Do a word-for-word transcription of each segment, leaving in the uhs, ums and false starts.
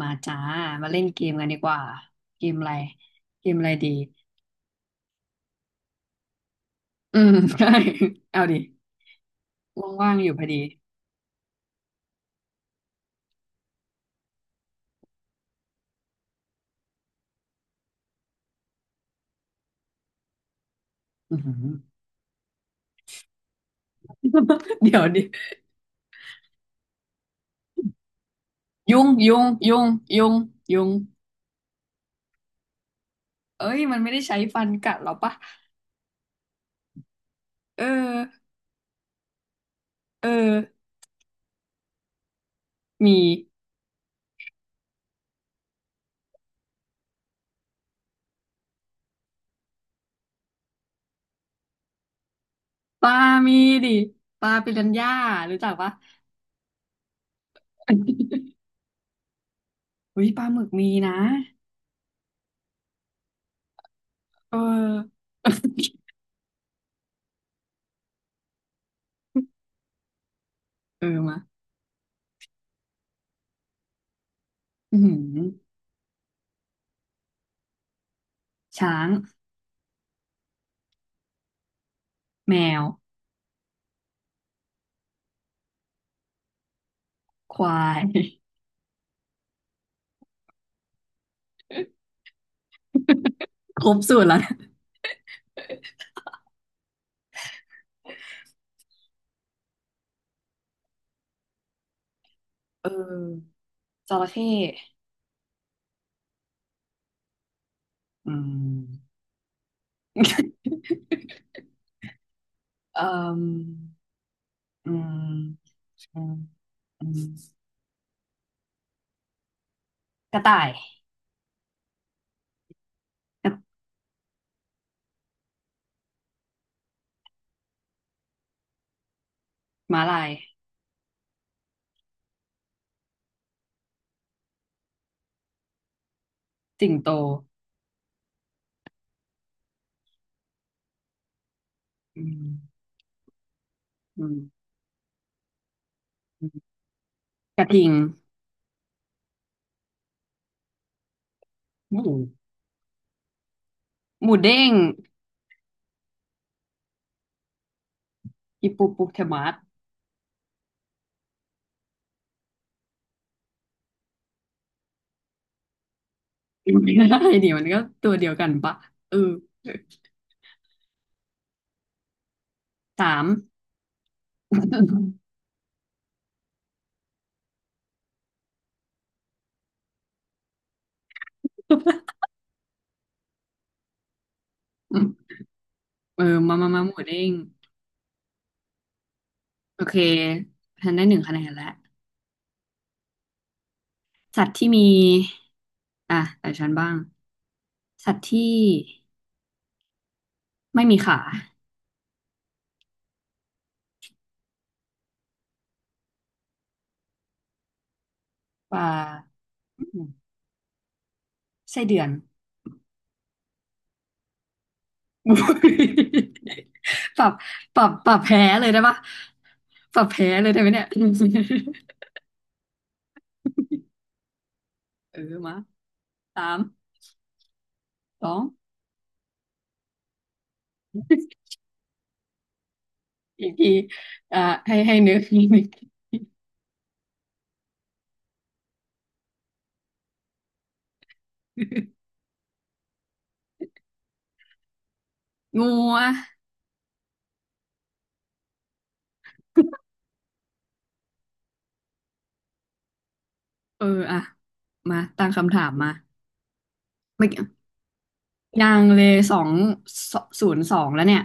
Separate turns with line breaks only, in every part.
มาจ้ามาเล่นเกมกันดีกว่าเกมอะไรเกมอะไรดีอืม ใช่เอาดิว่างๆอยู่พอดีอือหือ เดี๋ยวดิยุงยุงยุงยุงยุงเอ้ยมันไม่ได้ใช้ฟันกัดหรอปะเออเออมีปลามีดิปลาปิรันย่ารู้จักปะ อุ้ยปลาหมึกมีนะเออเออมาอือหือช้างแมวควาย ครบสูตรแล้วนะเออจระเข้ อืมเอ่ออืม อืมอืมกระต่ายกระม้าลายสิงโตอืมอืมอืมกระทิงหมูหมูเด้งฮิปโปโปเทมัสอะไรดีมันก็ตัวเดียวกันปะเออสาม อืมเออมามามาหมูเด้งโอเคฉันได้หนึ่งคะแนนแล้วสัตว์ที่มีอ่ะแต่ฉันบ้างสัตว์ที่ไม่มีขา ปลาอืมไส้เดือน อุ๊ยปรับปรับปรับแพ้เลยได้ปะปรับแพ้เลยได้ไหมเนี่ย เออมาสามสองอีกทีอ่าให้ให้นึกนึกงูอ่ะเอออ่ะมาตั้งคำถามมาไม่ยังเลยสองศูนย์สองแล้วเนี่ย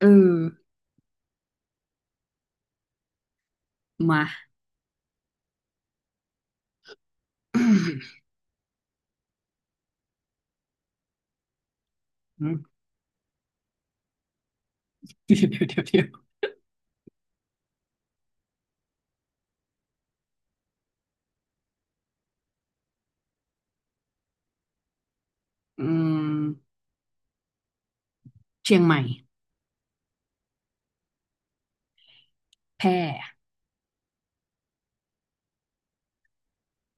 เออมา อืมเดี๋ยวเดี๋ยวเดี๋ยวเดี๋ยวอืมเชียงใหม่แพร่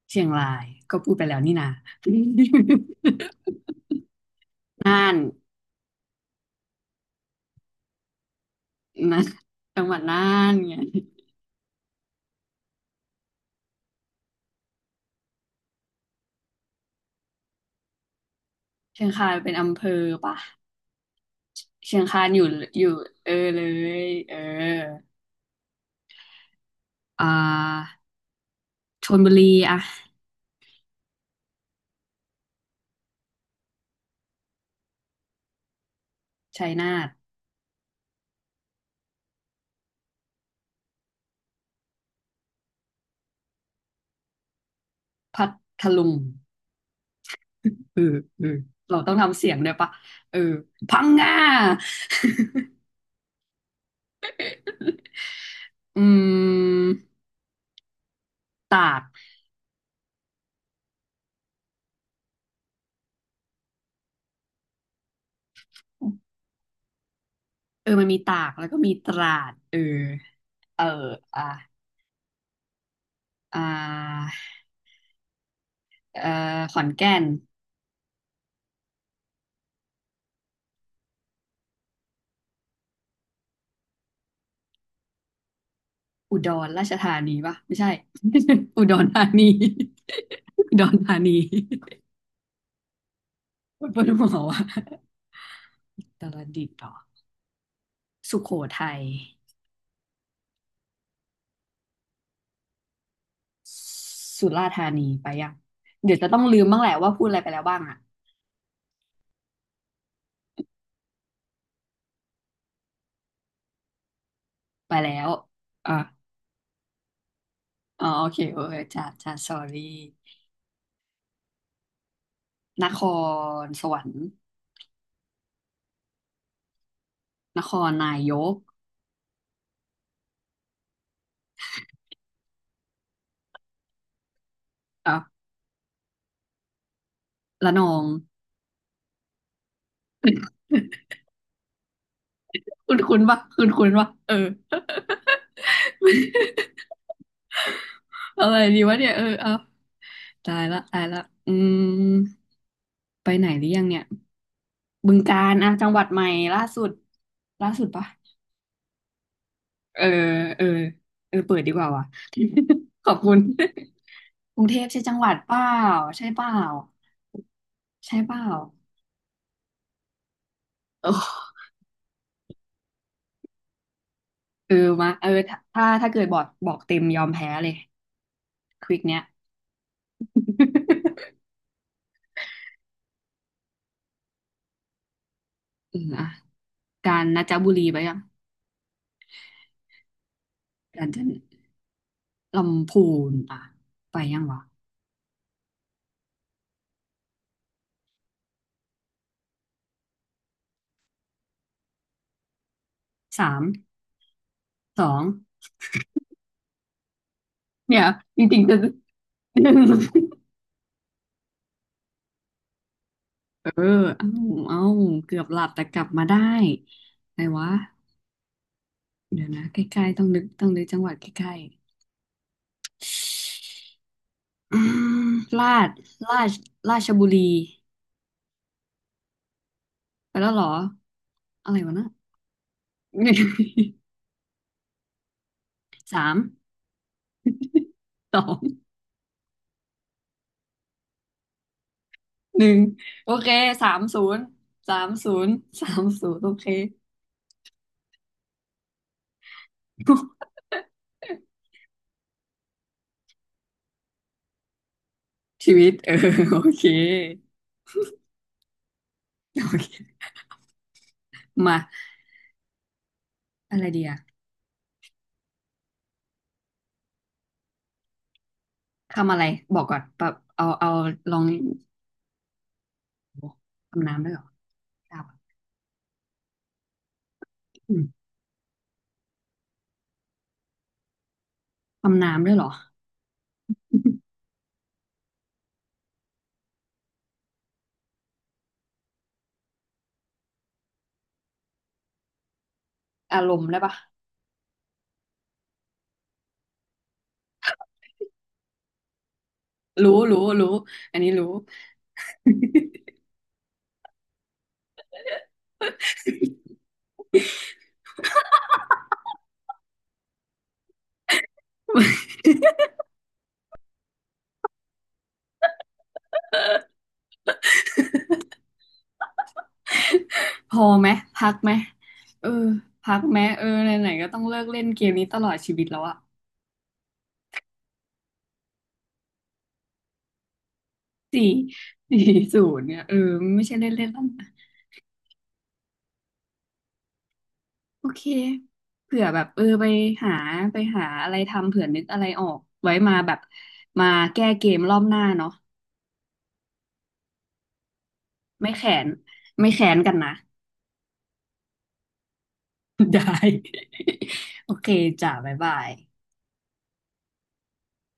เชียงรายก็พูดไปแล้วนี่นา น่านนะจังหวัดน่านไงเชียงคานเป็นอำเภอปะ เชียงคานอยู่อยู่เออเลยเอออ่าชลบุรีอะชัยนาทพัทลุงเออเออเราต้องทำเสียงด้วยปะเออพังงา อืมตากเออมันมีตากแล้วก็มีตราดเออเอออ่ะอ่า เอ่อขอนแก่นอุดรราชธานีปะไม่ใช่ อุดรธานี อุดรธานีปวดหัวว่ะอุตรดิตถ์เหรอสุโขทัยสุราษฎร์ธานีไปยังเดี๋ยวจะต้องลืมบ้างแหละว่าพูดอะไรไปแล้วบ้างอะไปแล้วอ่ะอ๋อโอเคโอเคจ้าจ้า sorry นครสวรรค์นครนายกอ่ะระนอง คุณคุณปะคุณคุณปะเออ เอาอะไรดีวะเนี่ยเออเอาตายละตายละอืมไปไหนหรือยังเนี่ยบึงกาฬอ่ะจังหวัดใหม่ล่าสุดล่าสุดปะเออเออเออเปิดดีกว่าว่ะ ขอบคุณกรุงเทพใช่จังหวัดเปล่าใช่เปล่าใช่เปล่าเออเออมาเออถ้าถ้าถ้าเกิดบอกบอกเต็มยอมแพ้เลยควิกเนี้ย อืมอ่ะกาญจนบุรีไปยังกาญจนลำพูนอ่ะไปยังวะสาม สองเนี่ยจริงๆจะ เออเอ้าเอ้าเกือบหลับแต่กลับมาได้ไหนวะเดี๋ยวนะใกล้ๆต้องนึกต้องนึกจังหวัดใกล้ๆอืมราชราชราชบุรีไปแล้วเหรออะไรวะนะ สามสองหนึ่งโอเคสามศูนย์สามศูนย์สามศูนย์โอเค ชีวิตเออโอเคโอเคมาอะไรดีอะ ทำอะไรบอกก่อนแบบเอาเอาลองโหทำน้ำด้วยเหรอดาวอะอืมทำน้ำด้วยเหรออารมณ์ได้ปะรู้รู้รู้อันนี้รู้ พอไหมพักไหมเออพักไหมเออไหนๆก็ต้องเลิกเล่นเกมนี้ตลอดชีวิตแล้วอะสี่สี่ศูนย์เนี่ยเออไม่ใช่เล่นเล่นแล้วนะโอเคเผื่อแบบเออไปหาไปหาอะไรทำเผื่อนึกอะไรออกไว้มาแบบมาแก้เกมรอบหน้าเนาะไม่แขนไม่แขนกันนะ ได้ โอเคจ้าบ๊ายบาย